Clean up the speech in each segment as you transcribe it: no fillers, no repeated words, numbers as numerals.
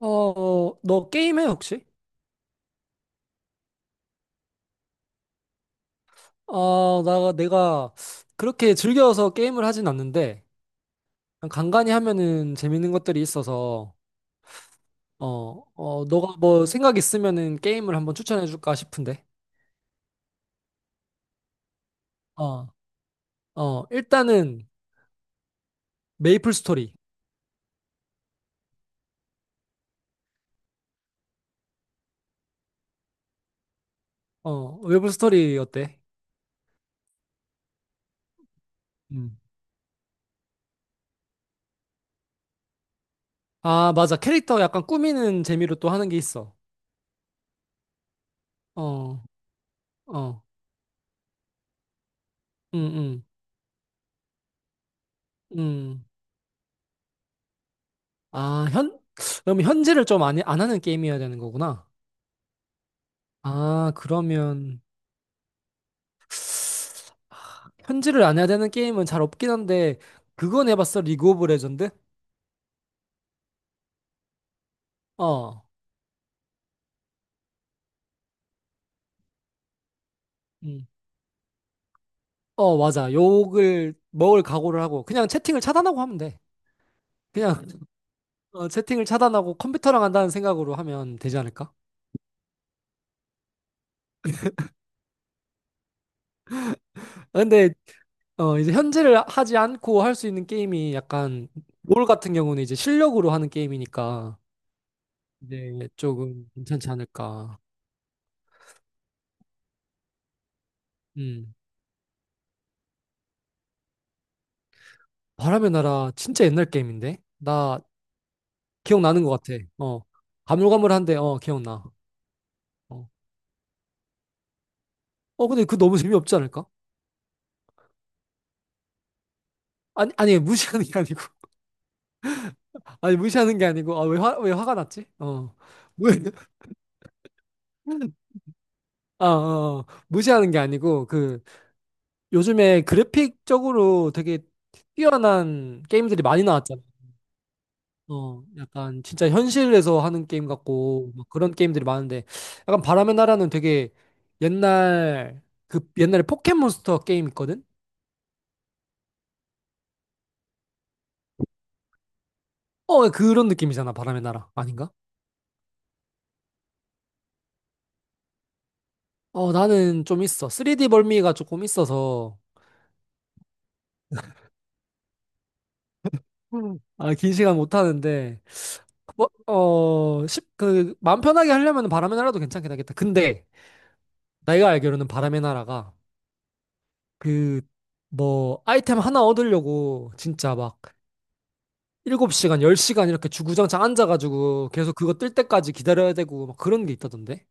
너 게임해, 혹시? 아, 내가 그렇게 즐겨서 게임을 하진 않는데, 그냥 간간히 하면은 재밌는 것들이 있어서, 어, 너가 뭐 생각 있으면은 게임을 한번 추천해 줄까 싶은데. 어, 일단은 메이플 스토리. 어, 메이플 스토리 어때? 음. 아, 맞아. 캐릭터 약간 꾸미는 재미로 또 하는 게 있어. 어, 어, 음, 음, 음. 아, 현, 그럼 현질을 좀 안 하는 게임이어야 되는 거구나. 아, 그러면 현질을 안 해야 되는 게임은 잘 없긴 한데 그건 해봤어? 리그 오브 레전드? 어, 음. 어, 맞아. 욕을 먹을 각오를 하고 그냥 채팅을 차단하고 하면 돼. 그냥 채팅을 차단하고 컴퓨터랑 한다는 생각으로 하면 되지 않을까? 아, 근데 이제 현질을 하지 않고 할 수 있는 게임이 약간 롤 같은 경우는 이제 실력으로 하는 게임이니까 이제 조금 괜찮지 않을까? 음. 바람의 나라 진짜 옛날 게임인데? 나 기억나는 것 같아. 어. 가물가물한데, 어, 기억나. 어. 어, 근데 그 너무 재미없지 않을까? 아니, 무시하는 게 아니고. 아니, 무시하는 게 아니고. 아, 왜 화가 났지? 어. 뭐- 무시하는 게 아니고, 그, 요즘에 그래픽적으로 되게 뛰어난 게임들이 많이 나왔잖아. 어, 약간 진짜 현실에서 하는 게임 같고, 막 그런 게임들이 많은데, 약간 바람의 나라는 되게 옛날, 그 옛날에 포켓몬스터 게임 있거든? 어, 그런 느낌이잖아, 바람의 나라. 아닌가? 어, 나는 좀 있어. 3D 벌미가 조금 있어서, 아, 긴 시간 못 하는데, 마음 편하게 하려면 바람의 나라도 괜찮긴 하겠다. 근데, 내가 알기로는 바람의 나라가, 그, 뭐, 아이템 하나 얻으려고, 진짜 막, 7시간, 10시간 이렇게 주구장창 앉아가지고, 계속 그거 뜰 때까지 기다려야 되고, 막 그런 게 있다던데?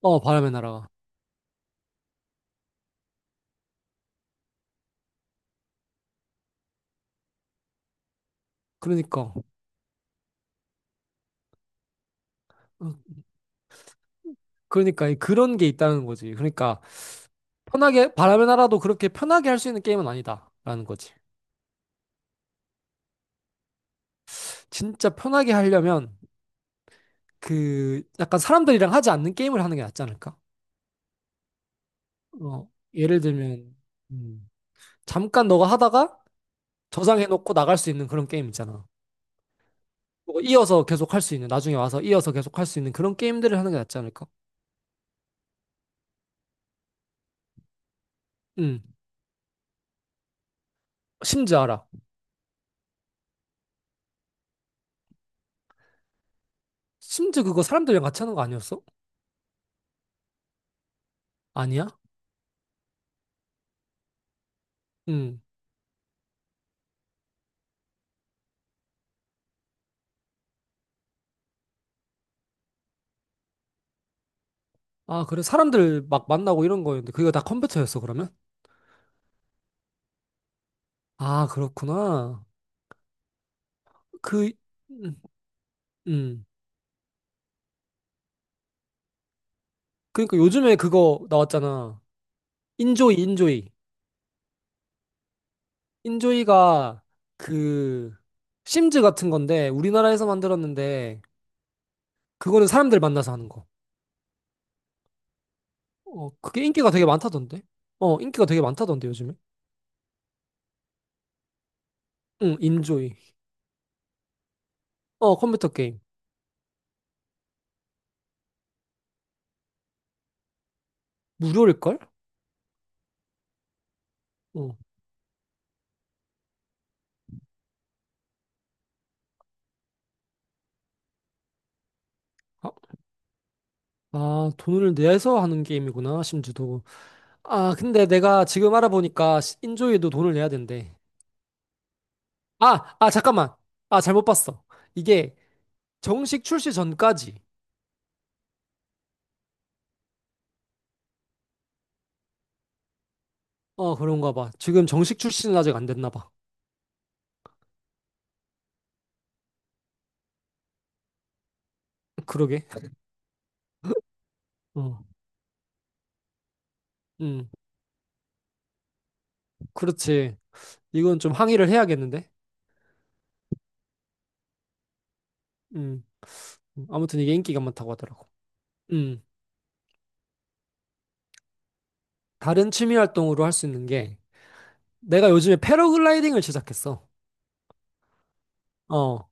어, 바람의 나라가. 그러니까. 어, 그러니까, 그런 게 있다는 거지. 그러니까, 편하게 바람의 나라도 그렇게 편하게 할 수 있는 게임은 아니다라는 거지. 진짜 편하게 하려면 그 약간 사람들이랑 하지 않는 게임을 하는 게 낫지 않을까? 어, 예를 들면 음, 잠깐 너가 하다가 저장해놓고 나갈 수 있는 그런 게임 있잖아. 뭐 이어서 계속 할 수 있는 나중에 와서 이어서 계속 할 수 있는 그런 게임들을 하는 게 낫지 않을까? 음, 심즈 알아. 심즈 그거 사람들이랑 같이 하는 거 아니었어? 아니야? 음. 아, 그래. 사람들 막 만나고 이런 거였는데 그게 다 컴퓨터였어, 그러면? 아, 그렇구나. 그 음, 음. 그러니까 요즘에 그거 나왔잖아. 인조이. 인조이가 그 심즈 같은 건데 우리나라에서 만들었는데 그거는 사람들 만나서 하는 거. 어, 그게 인기가 되게 많다던데. 어, 인기가 되게 많다던데 요즘에. 응, 인조이. 어, 컴퓨터 게임. 무료일걸? 어. 아, 돈을 내서 하는 게임이구나, 심즈도. 아, 근데 내가 지금 알아보니까 인조이도 돈을 내야 된대. 잠깐만. 아, 잘못 봤어. 이게 정식 출시 전까지. 어, 그런가 봐. 지금 정식 출시는 아직 안 됐나 봐. 그러게. 어, 음, 그렇지. 이건 좀 항의를 해야겠는데? 음, 아무튼 이게 인기가 많다고 하더라고. 음, 다른 취미 활동으로 할 수 있는 게, 내가 요즘에 패러글라이딩을 시작했어. 어,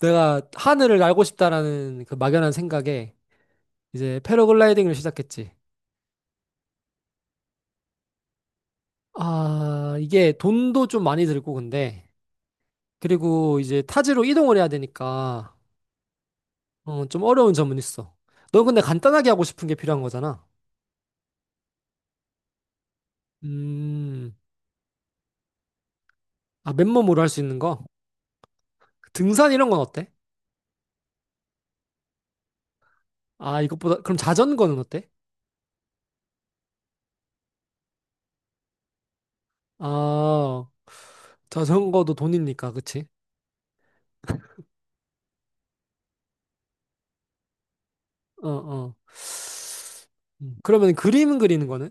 내가 하늘을 날고 싶다라는 그 막연한 생각에 이제 패러글라이딩을 시작했지. 아, 이게 돈도 좀 많이 들고 근데, 그리고 이제 타지로 이동을 해야 되니까, 어, 좀 어려운 점은 있어. 넌 근데 간단하게 하고 싶은 게 필요한 거잖아. 음, 아, 맨몸으로 할 수 있는 거? 등산 이런 건 어때? 아, 이것보다, 그럼 자전거는 어때? 아, 자전거도 돈이니까, 그치? 어, 어. 그러면 그림 그리는 거는?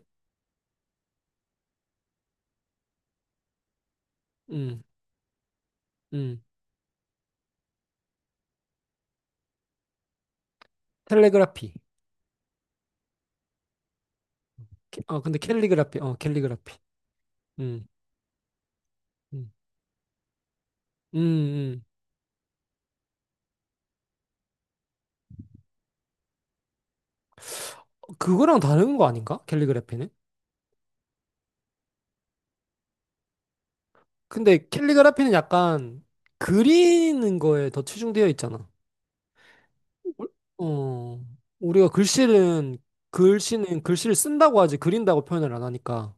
음, 음. 텔레그라피. 캘리그라피. 음, 음, 음. 음. 그거랑 다른 거 아닌가? 캘리그라피는? 근데 캘리그라피는 약간 그리는 거에 더 치중되어 있잖아. 우- 어, 우리가 글씨는 글씨를 쓴다고 하지 그린다고 표현을 안 하니까,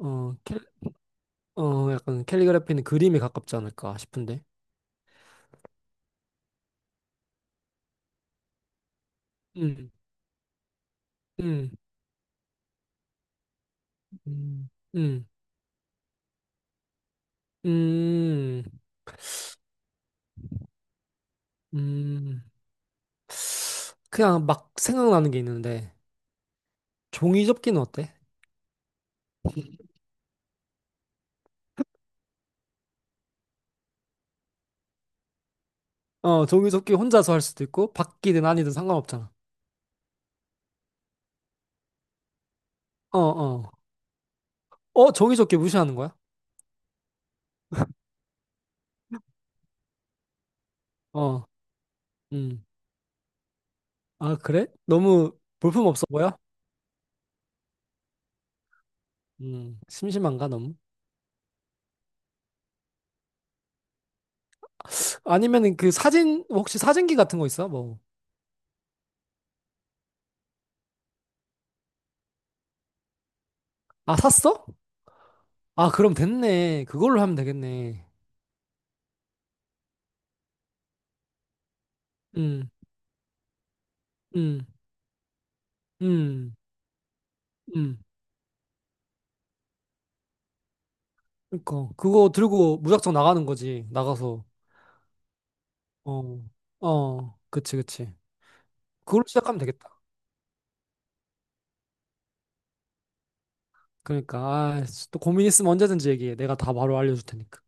어, 캘, 어, 약간 캘리그래피는 그림에 가깝지 않을까 싶은데. 음, 음, 음, 음, 음, 음. 그냥 막 생각나는 게 있는데, 종이 접기는 어때? 어, 종이 접기 혼자서 할 수도 있고, 바뀌든 아니든 상관없잖아. 어, 어. 어, 종이 접기 무시하는 거야? 어, 음. 아, 그래? 너무 볼품 없어 보여? 심심한가, 너무? 아니면은 그 사진 혹시 사진기 같은 거 있어? 뭐. 아, 샀어? 아, 그럼 됐네. 그걸로 하면 되겠네. 음. 음. 음. 음. 그니까 그거 들고 무작정 나가는 거지. 나가서. 어. 어. 그치, 그치. 그걸로 시작하면 되겠다. 그러니까 아, 또 고민 있으면 언제든지 얘기해. 내가 다 바로 알려줄 테니까.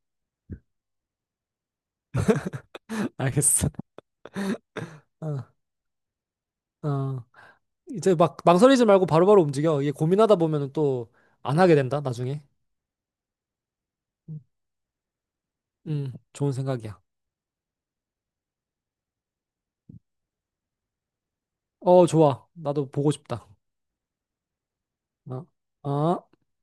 알겠어. 어. 어. 이제 막 망설이지 말고 바로바로 움직여. 이게 고민하다 보면은 또 안 하게 된다, 나중에. 음. 좋은 생각이야. 어, 좋아. 나도 보고 싶다. 어, 어.